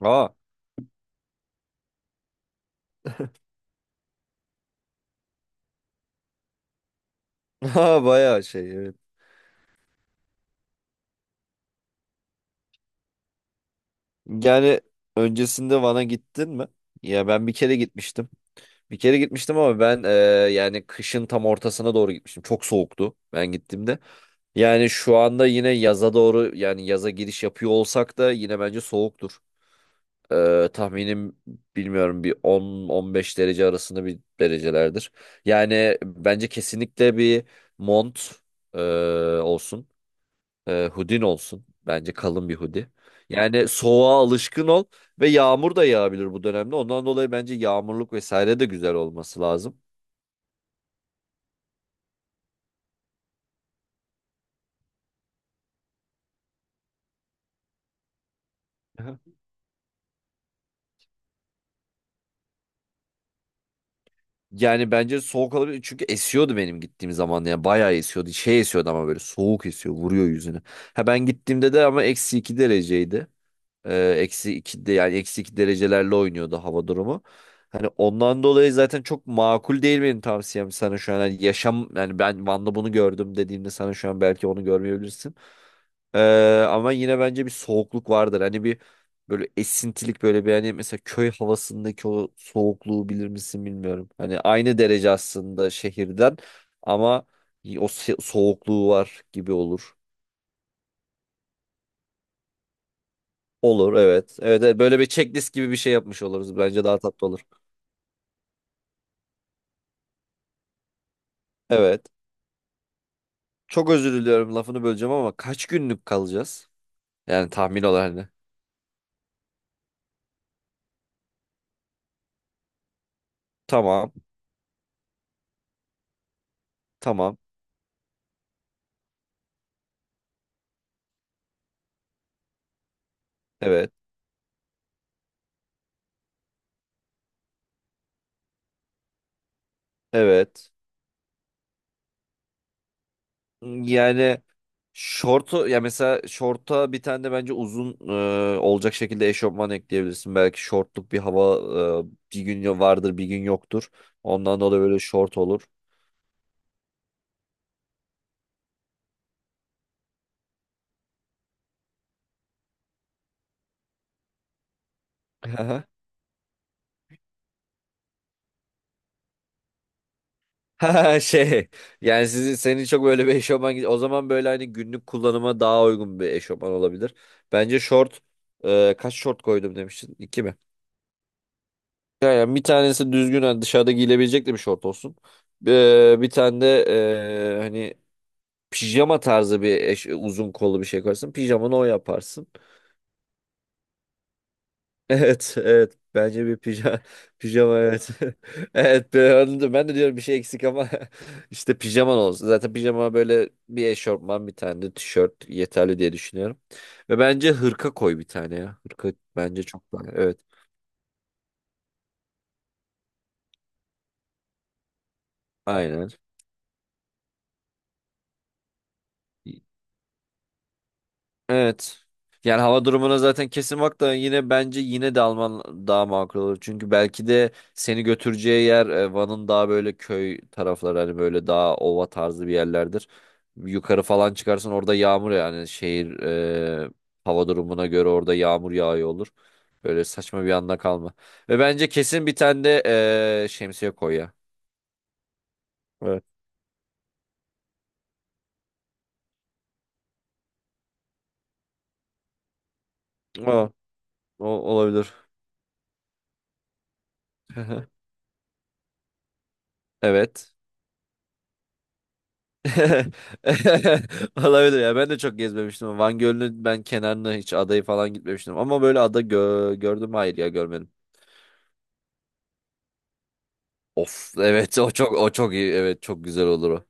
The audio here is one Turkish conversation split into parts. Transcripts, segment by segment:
Aa, ha, bayağı şey evet. Yani öncesinde Van'a gittin mi? Ya ben bir kere gitmiştim. Bir kere gitmiştim ama ben yani kışın tam ortasına doğru gitmiştim. Çok soğuktu ben gittiğimde. Yani şu anda yine yaza doğru yani yaza giriş yapıyor olsak da yine bence soğuktur. Tahminim bilmiyorum bir 10-15 derece arasında bir derecelerdir. Yani bence kesinlikle bir mont e, olsun. Hudin olsun. Bence kalın bir hoodie. Yani soğuğa alışkın ol ve yağmur da yağabilir bu dönemde. Ondan dolayı bence yağmurluk vesaire de güzel olması lazım. Aha. Yani bence soğuk olabilir. Çünkü esiyordu benim gittiğim zaman. Yani bayağı esiyordu. Şey esiyordu ama böyle soğuk esiyor. Vuruyor yüzüne. Ha ben gittiğimde de ama -2 dereceydi. Eksi iki de yani -2 derecelerle oynuyordu hava durumu. Hani ondan dolayı zaten çok makul değil benim tavsiyem sana şu an. Hani yaşam yani ben Van'da bunu gördüm dediğimde sana şu an belki onu görmeyebilirsin. Ee, ama yine bence bir soğukluk vardır. Hani bir böyle esintilik böyle bir hani mesela köy havasındaki o soğukluğu bilir misin bilmiyorum. Hani aynı derece aslında şehirden ama o soğukluğu var gibi olur. Olur evet. Evet, evet. Böyle bir checklist gibi bir şey yapmış oluruz. Bence daha tatlı olur. Evet. Çok özür diliyorum lafını böleceğim ama kaç günlük kalacağız? Yani tahmin olarak ne? Tamam. Tamam. Evet. Evet. Yani şortu ya mesela şorta bir tane de bence uzun olacak şekilde eşofman ekleyebilirsin. Belki şortluk bir hava bir gün vardır bir gün yoktur. Ondan dolayı böyle şort olur. Ha şey yani sizi senin çok böyle bir eşofman o zaman böyle hani günlük kullanıma daha uygun bir eşofman olabilir. Bence şort kaç şort koydum demiştin? İki mi? Yani bir tanesi düzgün hani dışarıda giyilebilecek de bir şort olsun. Bir tane de hani pijama tarzı bir uzun kollu bir şey koyarsın. Pijamanı o yaparsın. Evet, evet. Bence bir pijama, pijama evet. Evet, ben de diyorum bir şey eksik ama işte pijaman olsun. Zaten pijama böyle bir eşofman bir tane de tişört yeterli diye düşünüyorum. Ve bence hırka koy bir tane ya. Hırka bence çok daha evet. Aynen. Evet. Yani hava durumuna zaten kesin bak da yine bence yine de Alman daha makul olur. Çünkü belki de seni götüreceği yer Van'ın daha böyle köy tarafları hani böyle daha ova tarzı bir yerlerdir. Yukarı falan çıkarsan orada yağmur yani şehir hava durumuna göre orada yağmur yağıyor olur. Böyle saçma bir anda kalma. Ve bence kesin bir tane de şemsiye koy ya. Evet. O, o olabilir. Evet. Olabilir ya. Ben de çok gezmemiştim. Van Gölü'nün ben kenarına hiç adayı falan gitmemiştim. Ama böyle ada gördüm mü? Hayır ya görmedim. Of evet o çok iyi. Evet çok güzel olur o.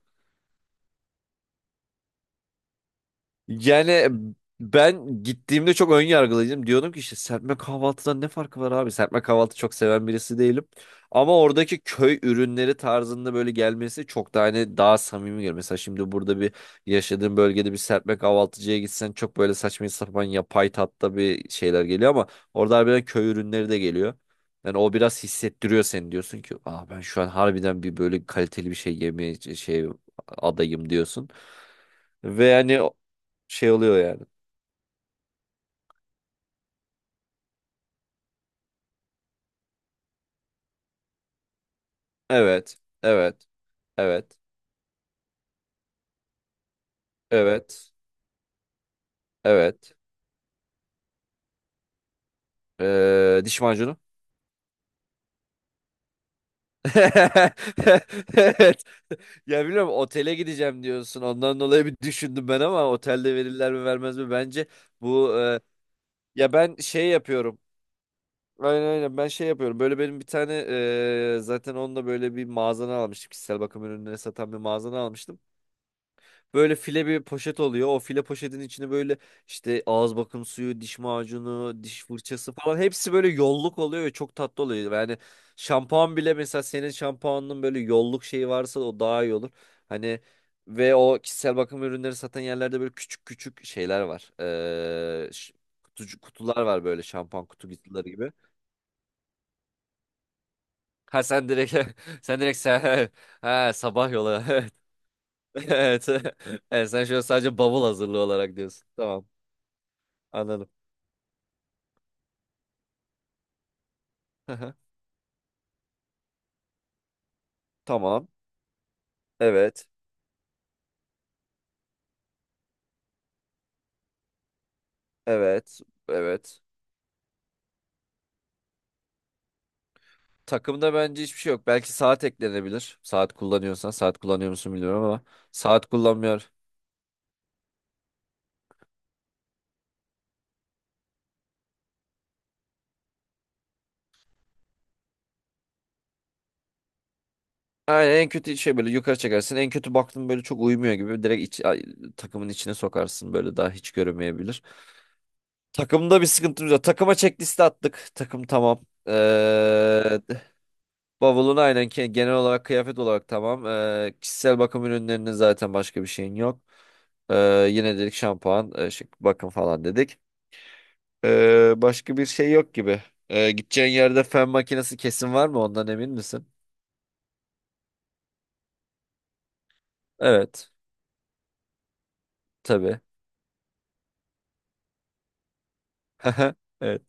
Yani ben gittiğimde çok ön yargılıydım. Diyordum ki işte serpme kahvaltıdan ne farkı var abi? Serpme kahvaltı çok seven birisi değilim. Ama oradaki köy ürünleri tarzında böyle gelmesi çok daha hani daha samimi geliyor. Mesela şimdi burada bir yaşadığım bölgede bir serpme kahvaltıcıya gitsen çok böyle saçma sapan yapay tatta bir şeyler geliyor ama orada harbiden köy ürünleri de geliyor. Yani o biraz hissettiriyor seni diyorsun ki ah ben şu an harbiden bir böyle kaliteli bir şey yemeye şey adayım diyorsun. Ve yani şey oluyor yani. Evet. Evet. Evet. Evet. Evet. Diş macunu. Evet. Ya biliyorum otele gideceğim diyorsun. Ondan dolayı bir düşündüm ben ama otelde verirler mi vermez mi? Bence bu e, ya ben şey yapıyorum. Aynen aynen ben şey yapıyorum. Böyle benim bir tane zaten onunla böyle bir mağazana almıştım. Kişisel bakım ürünleri satan bir mağazana almıştım. Böyle file bir poşet oluyor. O file poşetin içine böyle işte ağız bakım suyu, diş macunu, diş fırçası falan hepsi böyle yolluk oluyor ve çok tatlı oluyor. Yani şampuan bile mesela senin şampuanının böyle yolluk şeyi varsa o daha iyi olur. Hani ve o kişisel bakım ürünleri satan yerlerde böyle küçük küçük şeyler var. Ee, ş- kutular var böyle şampuan kutu kutuları gibi. Ha sen direkt sen direkt sen ha sabah yola evet. Evet. Evet, sen şöyle sadece bavul hazırlığı olarak diyorsun. Tamam. Anladım. Hı hı. Tamam. Evet. Evet. Evet. Takımda bence hiçbir şey yok. Belki saat eklenebilir. Saat kullanıyorsan. Saat kullanıyor musun bilmiyorum ama. Saat kullanmıyor. Aynen en kötü şey böyle yukarı çekersin. En kötü baktın böyle çok uyumuyor gibi. Direkt takımın içine sokarsın. Böyle daha hiç görünmeyebilir. Takımda bir sıkıntımız yok. Takıma checklist attık. Takım tamam. Ee, Bavulun aynen genel olarak kıyafet olarak tamam. Kişisel bakım ürünlerinin zaten başka bir şeyin yok. Ee, yine dedik şampuan, şık bakım falan dedik. Başka bir şey yok gibi. Gideceğin yerde fön makinesi kesin var mı? Ondan emin misin? Evet. Tabii. Evet.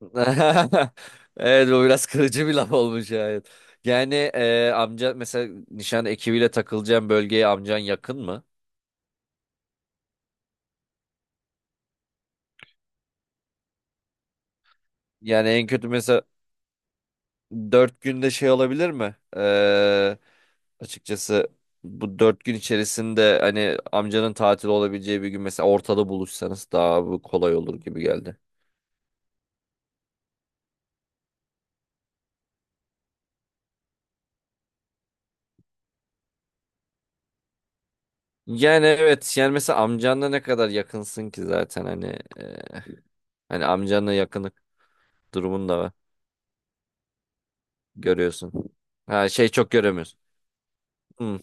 Evet bu biraz kırıcı bir laf olmuş yani. Yani amca mesela nişan ekibiyle takılacağın bölgeye amcan yakın mı? Yani en kötü mesela 4 günde şey olabilir mi? Açıkçası bu 4 gün içerisinde hani amcanın tatil olabileceği bir gün mesela ortada buluşsanız daha bu kolay olur gibi geldi. Yani evet yani mesela amcanla ne kadar yakınsın ki zaten hani e, hani amcanla yakınlık durumunu da görüyorsun. Ha şey çok göremiyorsun. Hmm.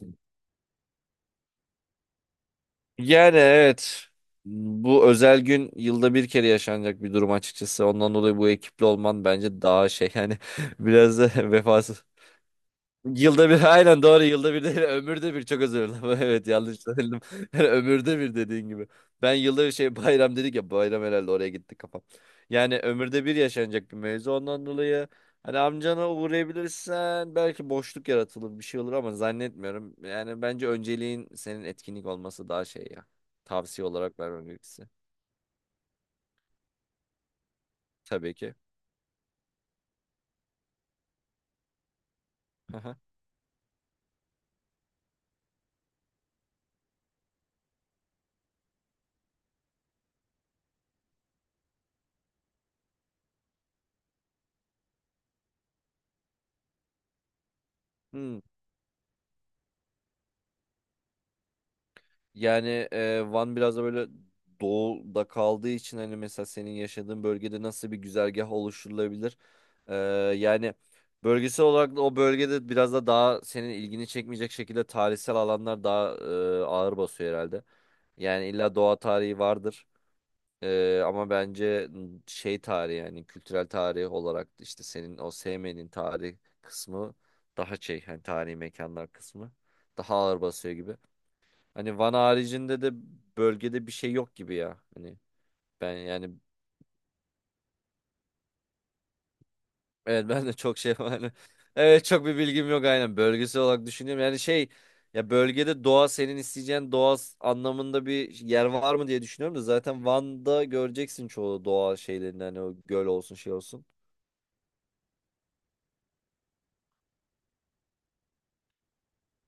Yani evet bu özel gün yılda bir kere yaşanacak bir durum açıkçası. Ondan dolayı bu ekiple olman bence daha şey yani biraz da vefasız. Yılda bir aynen doğru yılda bir değil ömürde bir çok özür dilerim evet yanlış söyledim. Yani ömürde bir dediğin gibi ben yılda bir şey bayram dedik ya bayram herhalde oraya gitti kafam yani ömürde bir yaşanacak bir mevzu ondan dolayı hani amcana uğrayabilirsen belki boşluk yaratılır bir şey olur ama zannetmiyorum yani bence önceliğin senin etkinlik olması daha şey ya tavsiye olarak vermem gerekirse tabii ki. Hı hı. Hmm. Yani Van biraz da böyle doğuda kaldığı için hani mesela senin yaşadığın bölgede nasıl bir güzergah oluşturulabilir? E, yani bölgesel olarak da o bölgede biraz da daha senin ilgini çekmeyecek şekilde tarihsel alanlar daha ağır basıyor herhalde. Yani illa doğa tarihi vardır. Ama bence şey tarihi yani kültürel tarih olarak işte senin o sevmenin tarih kısmı daha şey hani tarihi mekanlar kısmı daha ağır basıyor gibi. Hani Van haricinde de bölgede bir şey yok gibi ya. Hani ben yani evet ben de çok şey var. Evet çok bir bilgim yok aynen bölgesel olarak düşünüyorum. Yani şey ya bölgede doğa senin isteyeceğin doğa anlamında bir yer var mı diye düşünüyorum da zaten Van'da göreceksin çoğu doğa şeylerini hani o göl olsun şey olsun.